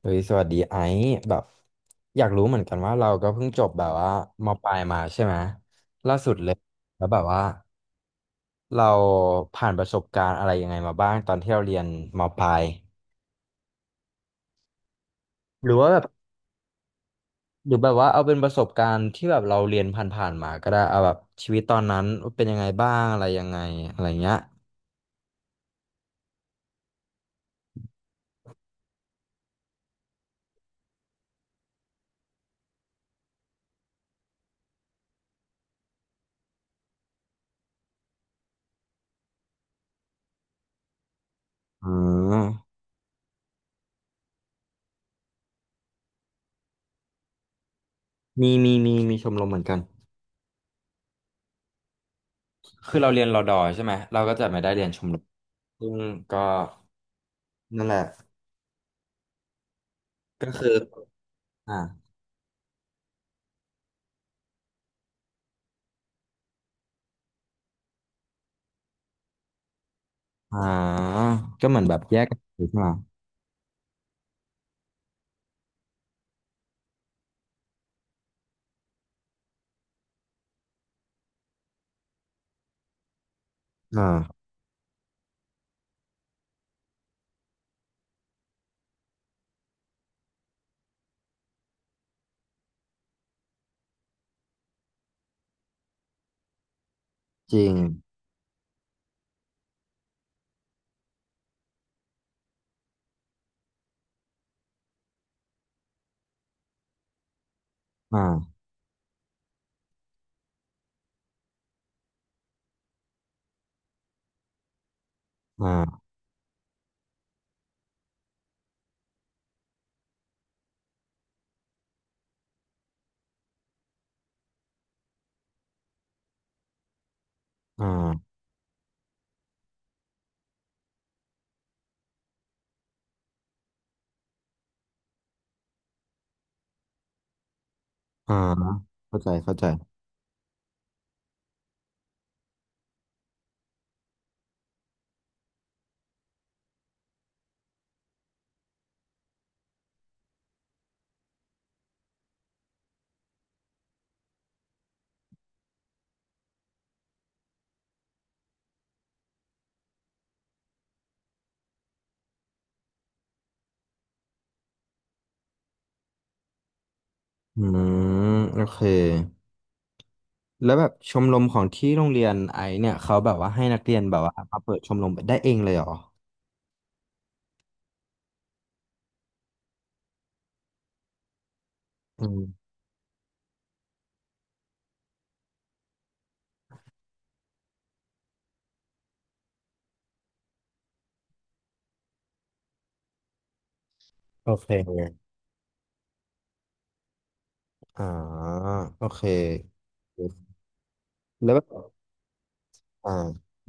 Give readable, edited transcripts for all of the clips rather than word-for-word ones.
เฮ้ยสวัสดีไอซ์แบบอยากรู้เหมือนกันว่าเราก็เพิ่งจบแบบว่ามปลายมาใช่ไหมล่าสุดเลยแล้วแบบว่าเราผ่านประสบการณ์อะไรยังไงมาบ้างตอนที่เราเรียนมปลายหรือว่าแบบหรือแบบว่าเอาเป็นประสบการณ์ที่แบบเราเรียนผ่านๆมาก็ได้เอาแบบชีวิตตอนนั้นเป็นยังไงบ้างอะไรยังไงอะไรเงี้ยอืมมีชมรมเหมือนกันคือเราเรียนรอดอใช่ไหมเราก็จะไม่ได้เรียนชมรมซึ่งก็นั่นแหละก็คืออ่า อ่าก็เหมือนแบบแยกกันอยู่ใช่ไหมอ่าจริงอ่าอ่าอ่าอ่าเข้าใจเข้าใจอืมโอเคแล้วแบบชมรมของที่โรงเรียนไอซ์เนี่ยเขาแบบว่าให้นักเรียนแบบว่ามาเปิดชมรมได้เองเลยเหรออืมโอเคอ่าโอเคแล้วแบบอ่า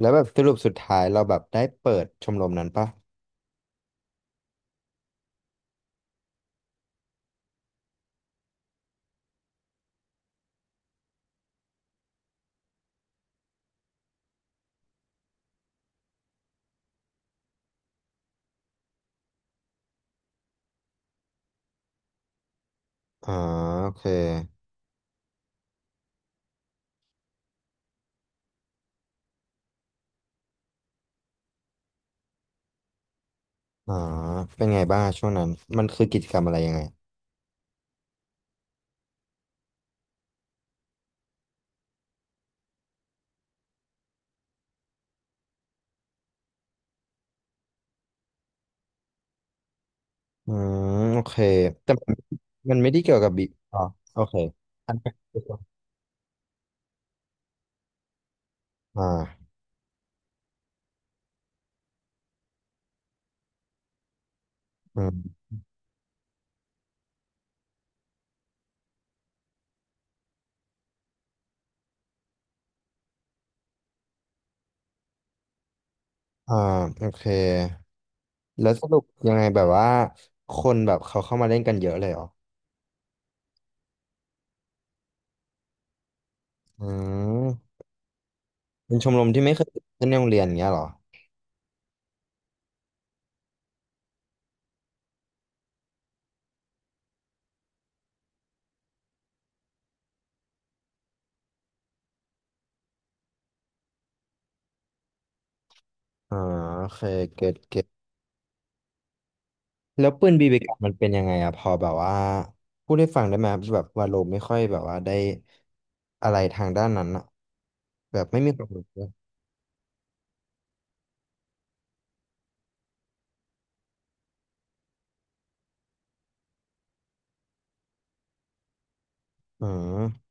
แล้วแบบสรุปสุดท้ายเราแบบได้เปิดชมรมนั้นปะอ่าโอเคอ่าเป็นไงบ้างช่วงนั้นมันคือกิจกรรมอะไรยังไง อืมโอเคแต่มันไม่ได้เกี่ยวกับบีอ๋อโอเคอันเป็นอ่าอืมอ่าโอเคแล้วสรุปยังไงแบบว่าคนแบบเขาเข้ามาเล่นกันเยอะเลยเหรออืมเป็นชมรมที่ไม่เคยเล่นในโรงเรียนอย่างเงี้ยเหรออ่าโอเคเก็ตเก็ตแล้วปืนบีบีกันมันเป็นยังไงอะพอแบบว่าพูดให้ฟังได้ไหมแบบว่าโลไม่ค่อยแบบว่าได้อะไรทางด้านนั้นอะแบบไม่มีความรู้เลยอืม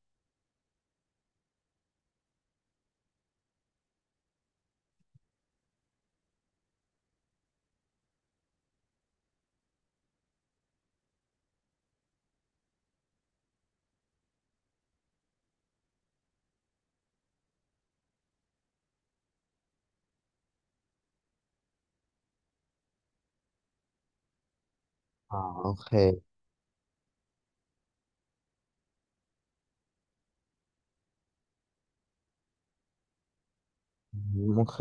อ๋อโอเคอืมโอเค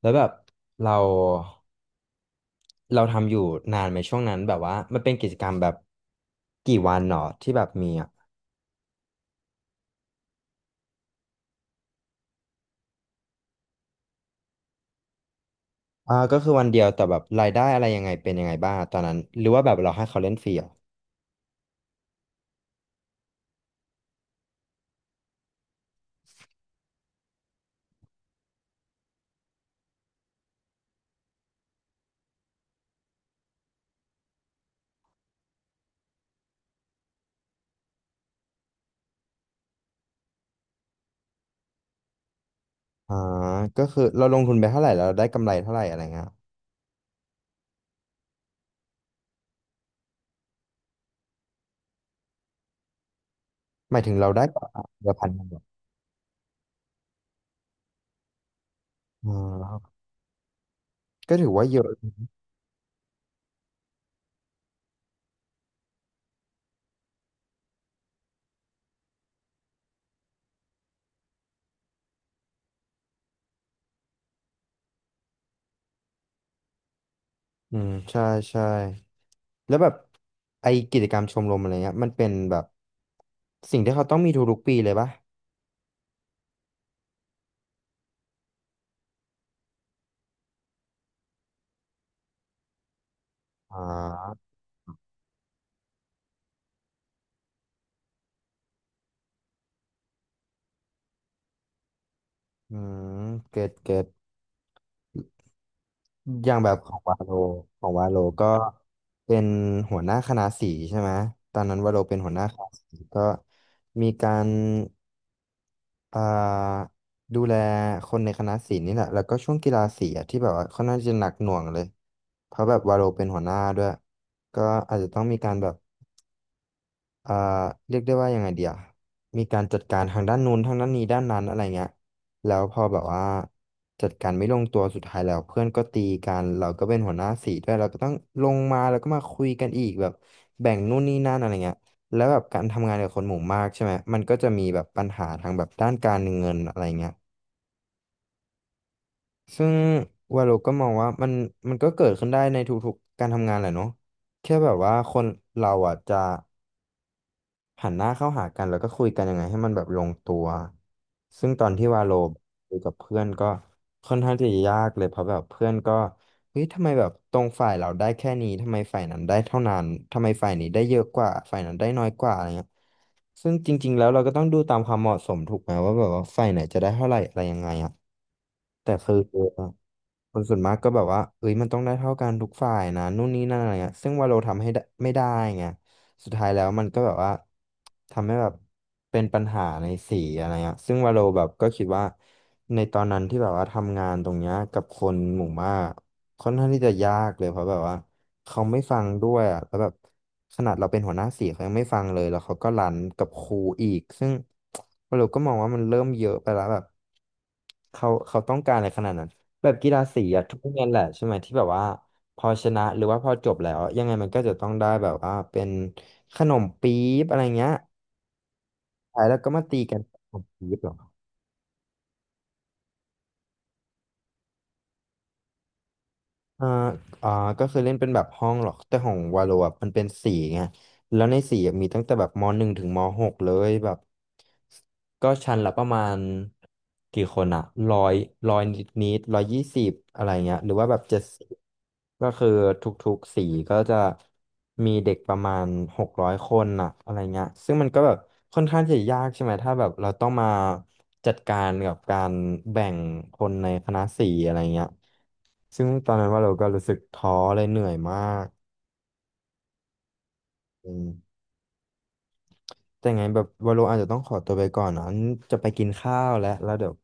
แล้วแบบเราทำอยู่นานไหมช่วงนั้นแบบว่ามันเป็นกิจกรรมแบบกี่วันหนอที่แบบมีอ่ะอ่าก็คือวันเดียวแต่แบบรายได้อะไรยังไงเป็นยังไงบ้างตอนนั้นหรือว่าแบบเราให้เขาเล่นฟรีเหรออ่าก็คือเราลงทุนไปเท่าไหร่เราได้กำไรเท่าไหร่อะไรเงี้ยหมายถึงเราได้กว่าเดือน1,100เหรออ่าก็ถือว่าเยอะอืมใช่ใช่แล้วแบบไอกิจกรรมชมรมอะไรเงี้ยมันเป็นแบบสิ่งที่เขาต้องมีทุกๆปีเลยปะอ่าอืมเก็ตเก็ต อย่างแบบของวาโลของวาโลก็เป็นหัวหน้าคณะสีใช่ไหมตอนนั้นวาโลเป็นหัวหน้าคณะสีก็มีการอ่าดูแลคนในคณะสีนี่แหละแล้วก็ช่วงกีฬาสีอะที่แบบว่าค่อนข้างจะหนักหน่วงเลยเพราะแบบวาโลเป็นหัวหน้าด้วยก็อาจจะต้องมีการแบบ อ่าเรียกได้ว่ายังไงเดียมีการจัดการทางด้านนู้นทางด้านนี้ด้านนั้นอะไรเงี้ยแล้วพอแบบว่าจัดการไม่ลงตัวสุดท้ายแล้วเพื่อนก็ตีกันเราก็เป็นหัวหน้าสีด้วยเราก็ต้องลงมาแล้วก็มาคุยกันอีกแบบแบ่งนู่นนี่นั่นอะไรเงี้ยแล้วแบบการทำงานกับคนหมู่มากใช่ไหมมันก็จะมีแบบปัญหาทางแบบด้านการเงินอะไรเงี้ยซึ่งวาโลก็มองว่ามันก็เกิดขึ้นได้ในทุกๆการทำงานแหละเนาะแค่แบบว่าคนเราอ่ะจะ หันหน้าเข้าหากันแล้วก็คุยกันยังไงให้มันแบบลงตัว ซึ่งตอนที่วาโลคุยกับเพื่อนก็ค่อนข้างที่จะยากเลยเพราะแบบเพื่อนก็เฮ้ยทำไมแบบตรงฝ่ายเราได้แค่นี้ทำไมฝ่ายนั้นได้เท่านั้นทำไมฝ่ายนี้ได้เยอะกว่าฝ่ายนั้นได้น้อยกว่าอะไรเงี้ยซึ่งจริงๆแล้วเราก็ต้องดูตามความเหมาะสมถูกไหมว่าแบบว่าฝ่ายไหนจะได้เท่าไหร่อะไรยังไงอะแต่คือคนส่วนมากก็แบบว่าเอ้ยมันต้องได้เท่ากันทุกฝ่ายนะนู่นนี่นั่นอะไรเงี้ยซึ่งวาโลทำให้ได้ไม่ได้ไง สุดท้ายแล้วมันก็แบบว่าทำให้แบบเป็นปัญหาในสีอะไรเงี้ยซึ่งวาโลแบบก็คิดว่าในตอนนั้นที่แบบว่าทำงานตรงเนี้ยกับคนหมู่มากค่อนข้างที่จะยากเลยเพราะแบบว่าเขาไม่ฟังด้วยอ่ะแล้วแบบขนาดเราเป็นหัวหน้าสีเขายังไม่ฟังเลยแล้วเขาก็รันกับครูอีกซึ่งวาโลก็มองว่ามันเริ่มเยอะไปแล้วแบบเขาต้องการอะไรขนาดนั้นแบบกีฬาสีอะทุกโรงเรียนแหละใช่ไหมที่แบบว่า พอชนะหรือว่าพอจบแล้วยังไงมันก็จะต้องได้แบบว่าเป็นขนมปี๊บอะไรเงี้ยท้ายแล้วก็มาตีกันขนมปี๊บเหรออ่าอ่าก็คือเล่นเป็นแบบห้องหรอกแต่ของวาโลอ่ะมันเป็นสีไง แล้วในสี่อะมีตั้งแต่แบบม.1ถึงม.6เลยแบบก็ชั้นละประมาณกี่คนอะร้อยร้อยนิด120อะไรเงี้ยหรือว่าแบบ70ก็คือทุกๆสีก็จะมีเด็กประมาณ600คนอะอะไรเงี้ยซึ่งมันก็แบบค่อนข้างจะยากใช่ไหมถ้าแบบเราต้องมาจัดการกับการแบ่งคนในคณะสี่อะไรเงี้ยซึ่งตอนนั้นว่าเราก็รู้สึกท้อเลยเหนื่อยมากอืม แต่ไงแบบวาโลอาจจะต้องขอตัวไปก่อนนะงั้นจะไปกินข้าวแล้วแล้วเดี๋ยว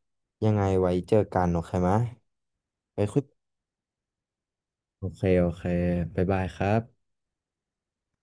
ยังไงไว้เจอกันโอเคไหมไปคุยโอเคโอเคบ๊ายบายครับ